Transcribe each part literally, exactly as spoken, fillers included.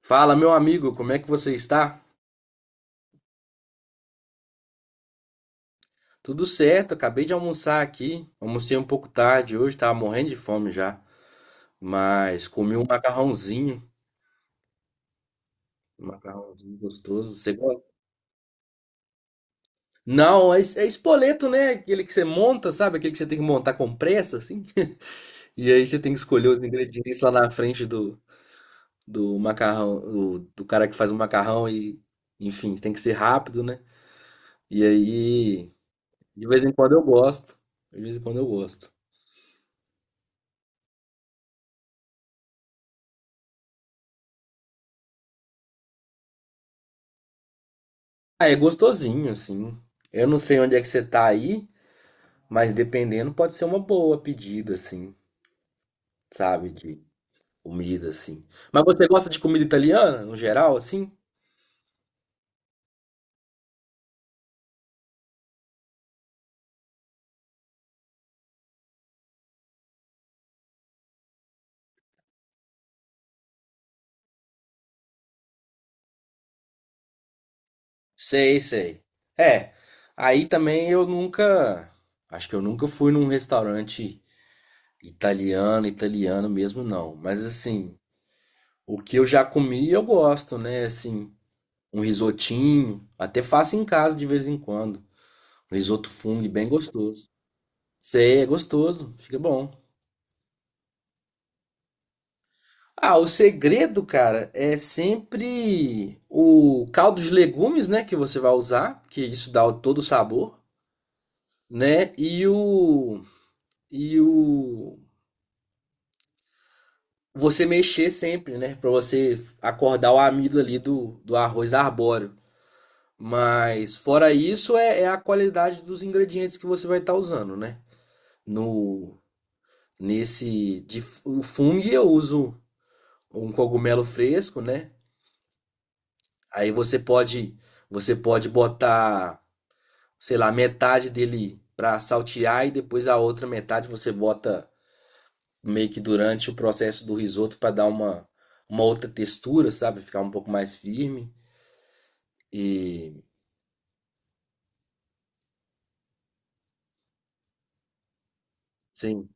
Fala, meu amigo, como é que você está? Tudo certo, acabei de almoçar aqui. Almocei um pouco tarde hoje, tava morrendo de fome já, mas comi um macarrãozinho, um macarrãozinho gostoso. Você gosta? Não, é, es- é espoleto, né? Aquele que você monta, sabe? Aquele que você tem que montar com pressa, assim. E aí você tem que escolher os ingredientes lá na frente do, do macarrão, do, do cara que faz o macarrão e, enfim, tem que ser rápido, né? E aí, de vez em quando eu gosto. De vez em quando eu gosto. Ah, é gostosinho, assim. Eu não sei onde é que você tá aí, mas dependendo pode ser uma boa pedida, assim, sabe? De comida, assim. Mas você gosta de comida italiana, no geral, assim? Sei, sei. É, aí também eu nunca. Acho que eu nunca fui num restaurante italiano, italiano mesmo, não. Mas assim, o que eu já comi eu gosto, né? Assim, um risotinho. Até faço em casa de vez em quando. Um risoto funghi bem gostoso. Sei, é gostoso, fica bom. Ah, o segredo, cara, é sempre o caldo de legumes, né, que você vai usar, que isso dá o- todo o sabor, né? E o e o você mexer sempre, né, pra você acordar o amido ali do, do arroz arbóreo. Mas fora isso é, é a qualidade dos ingredientes que você vai estar usando, né? No Nesse de f- o fungo eu uso um cogumelo fresco, né? Aí você pode, você pode botar, sei lá, metade dele para saltear e depois a outra metade você bota meio que durante o processo do risoto para dar uma, uma outra textura, sabe? Ficar um pouco mais firme. E sim,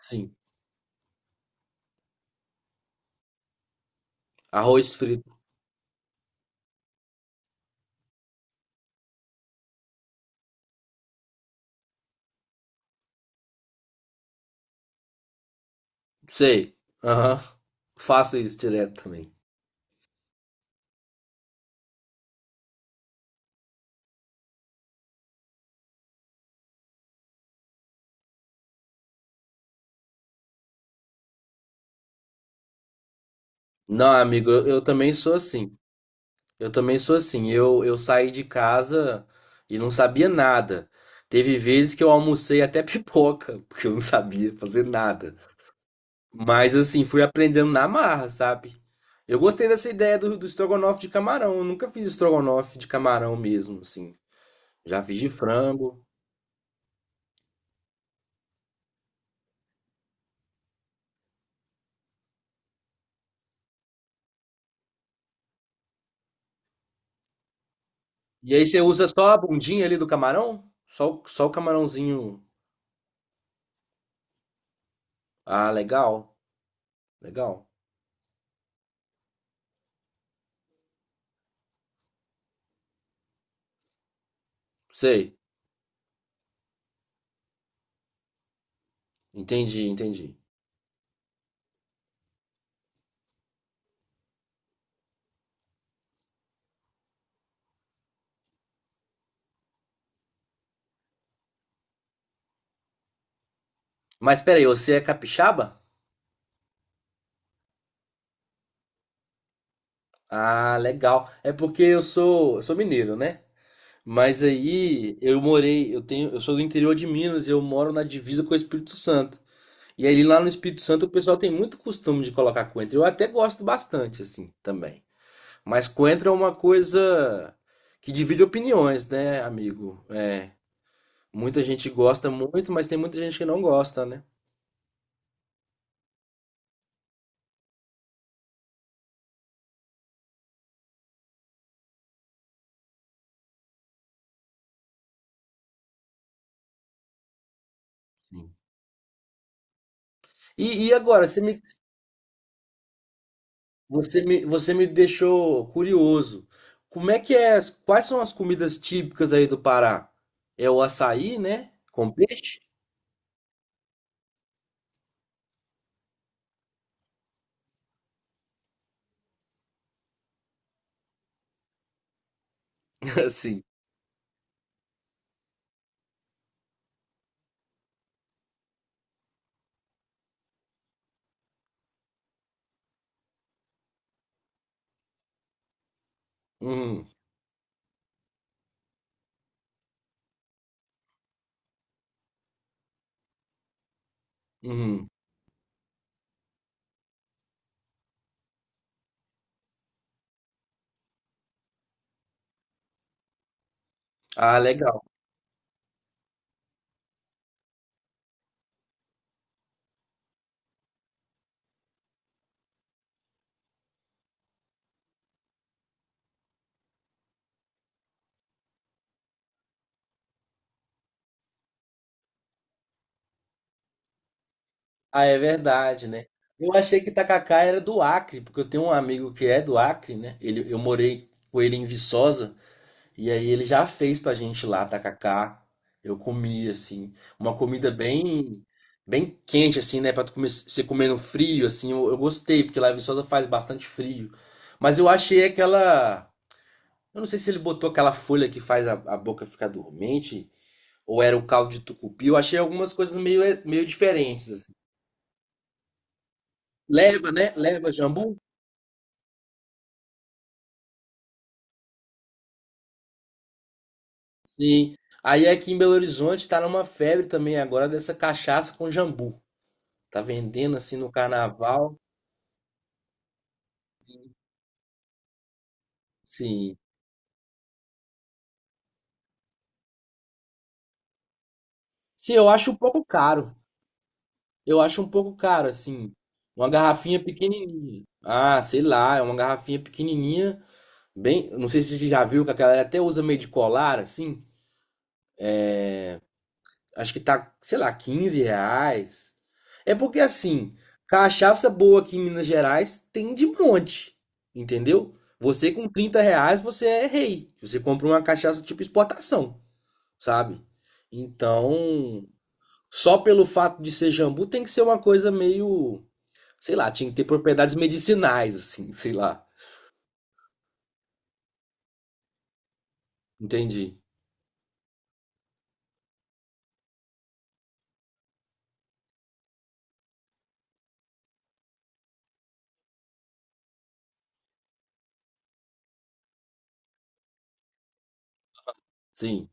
sim. Arroz frito. Sei. Aham. Faço isso direto também. Não, amigo, eu, eu também sou assim. Eu também sou assim. Eu, eu saí de casa e não sabia nada. Teve vezes que eu almocei até pipoca, porque eu não sabia fazer nada. Mas assim, fui aprendendo na marra, sabe? Eu gostei dessa ideia do, do estrogonofe de camarão. Eu nunca fiz estrogonofe de camarão mesmo, assim. Já fiz de frango. E aí você usa só a bundinha ali do camarão? Só, o- só o camarãozinho. Ah, legal. Legal. Sei. Entendi, entendi. Mas peraí, você é capixaba? Ah, legal. É porque eu sou, eu sou mineiro, né? Mas aí eu morei, eu tenho, eu sou do interior de Minas e eu moro na divisa com o Espírito Santo. E aí lá no Espírito Santo o pessoal tem muito costume de colocar coentro. Eu até gosto bastante assim também. Mas coentro é uma coisa que divide opiniões, né, amigo? É, muita gente gosta muito, mas tem muita gente que não gosta, né? Sim. E, e agora, você me Você me, você me deixou curioso. Como é que é? as- Quais são as comidas típicas aí do Pará? É o açaí, né? Com peixe? Assim. Uhum, uhum. Ah, legal. Ah, é verdade, né? Eu achei que tacacá era do Acre, porque eu tenho um amigo que é do Acre, né? Ele, eu morei com ele em Viçosa. E aí ele já fez pra gente lá, tacacá. Eu comi, assim, uma comida bem bem quente, assim, né? Pra tu comer, você comer no frio, assim. Eu, eu gostei, porque lá em Viçosa faz bastante frio. Mas eu achei aquela... Eu não sei se ele botou aquela folha que faz a, a boca ficar dormente, ou era o caldo de tucupi. Eu achei algumas coisas meio, eh, meio diferentes, assim. Leva, né? Leva jambu? Sim. Aí aqui em Belo Horizonte tá numa febre também agora dessa cachaça com jambu. Tá vendendo, assim, no carnaval. Sim. Sim, eu acho um pouco caro. Eu acho um pouco caro, assim. Uma garrafinha pequenininha. Ah, sei lá, é uma garrafinha pequenininha. Bem, não sei se você já viu que a galera até usa meio de colar, assim. Acho que tá, sei lá, quinze reais. É porque, assim, cachaça boa aqui em Minas Gerais tem de monte, entendeu? Você com trinta reais, você é rei. Você compra uma cachaça tipo exportação, sabe? Então, só pelo fato de ser jambu tem que ser uma coisa meio, sei lá, tinha que ter propriedades medicinais, assim, sei lá. Entendi. Sim.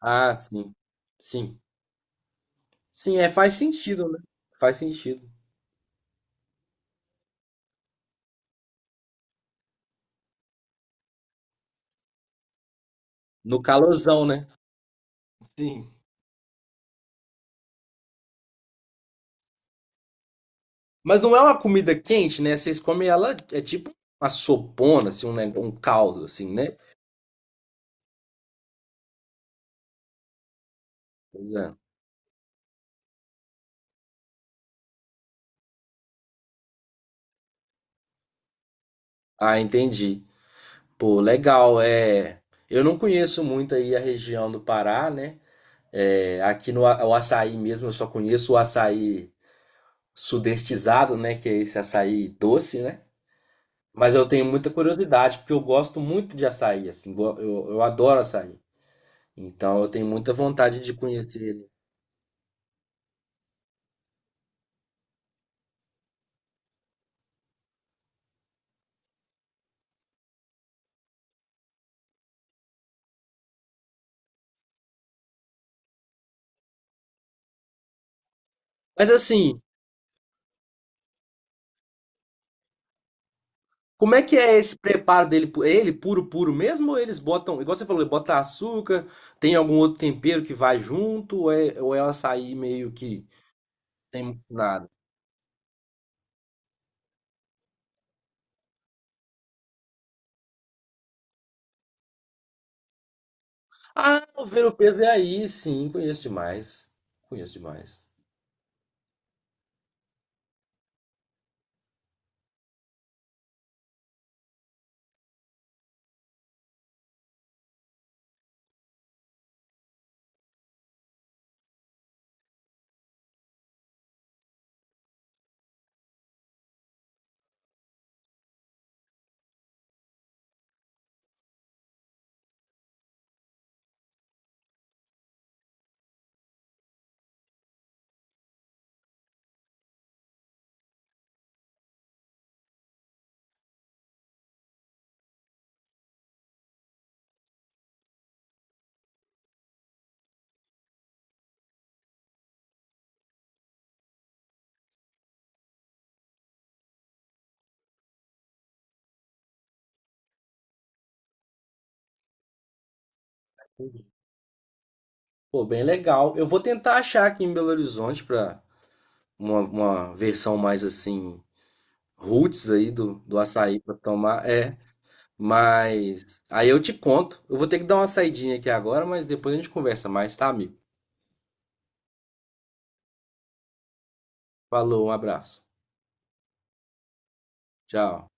Ah, sim. Sim. Sim, é, faz sentido, né? Faz sentido. No calorzão, né? Sim. Mas não é uma comida quente, né? Vocês comem ela, é tipo uma sopona, assim, um, neg- um caldo, assim, né? Pois é. Ah, entendi. Pô, legal. É, eu não conheço muito aí a região do Pará, né? É, aqui no a- o açaí mesmo, eu só conheço o açaí sudestizado, né? Que é esse açaí doce, né? Mas eu tenho muita curiosidade, porque eu gosto muito de açaí, assim, go- eu, eu adoro açaí. Então eu tenho muita vontade de conhecer ele. Mas assim, como é que é esse preparo dele? Pu- é Ele puro, puro mesmo? Ou eles botam, igual você falou, bota açúcar, tem algum outro tempero que vai junto? Ou é, ou é o açaí meio que tem nada? Ah, o ver o peso é aí, sim, conheço demais. Conheço demais. Pô, bem legal. Eu vou tentar achar aqui em Belo Horizonte pra uma, uma versão mais assim, roots aí do, do açaí pra tomar. É, mas aí eu te conto. Eu vou ter que dar uma saidinha aqui agora, mas depois a gente conversa mais, tá, amigo? Falou, um abraço. Tchau.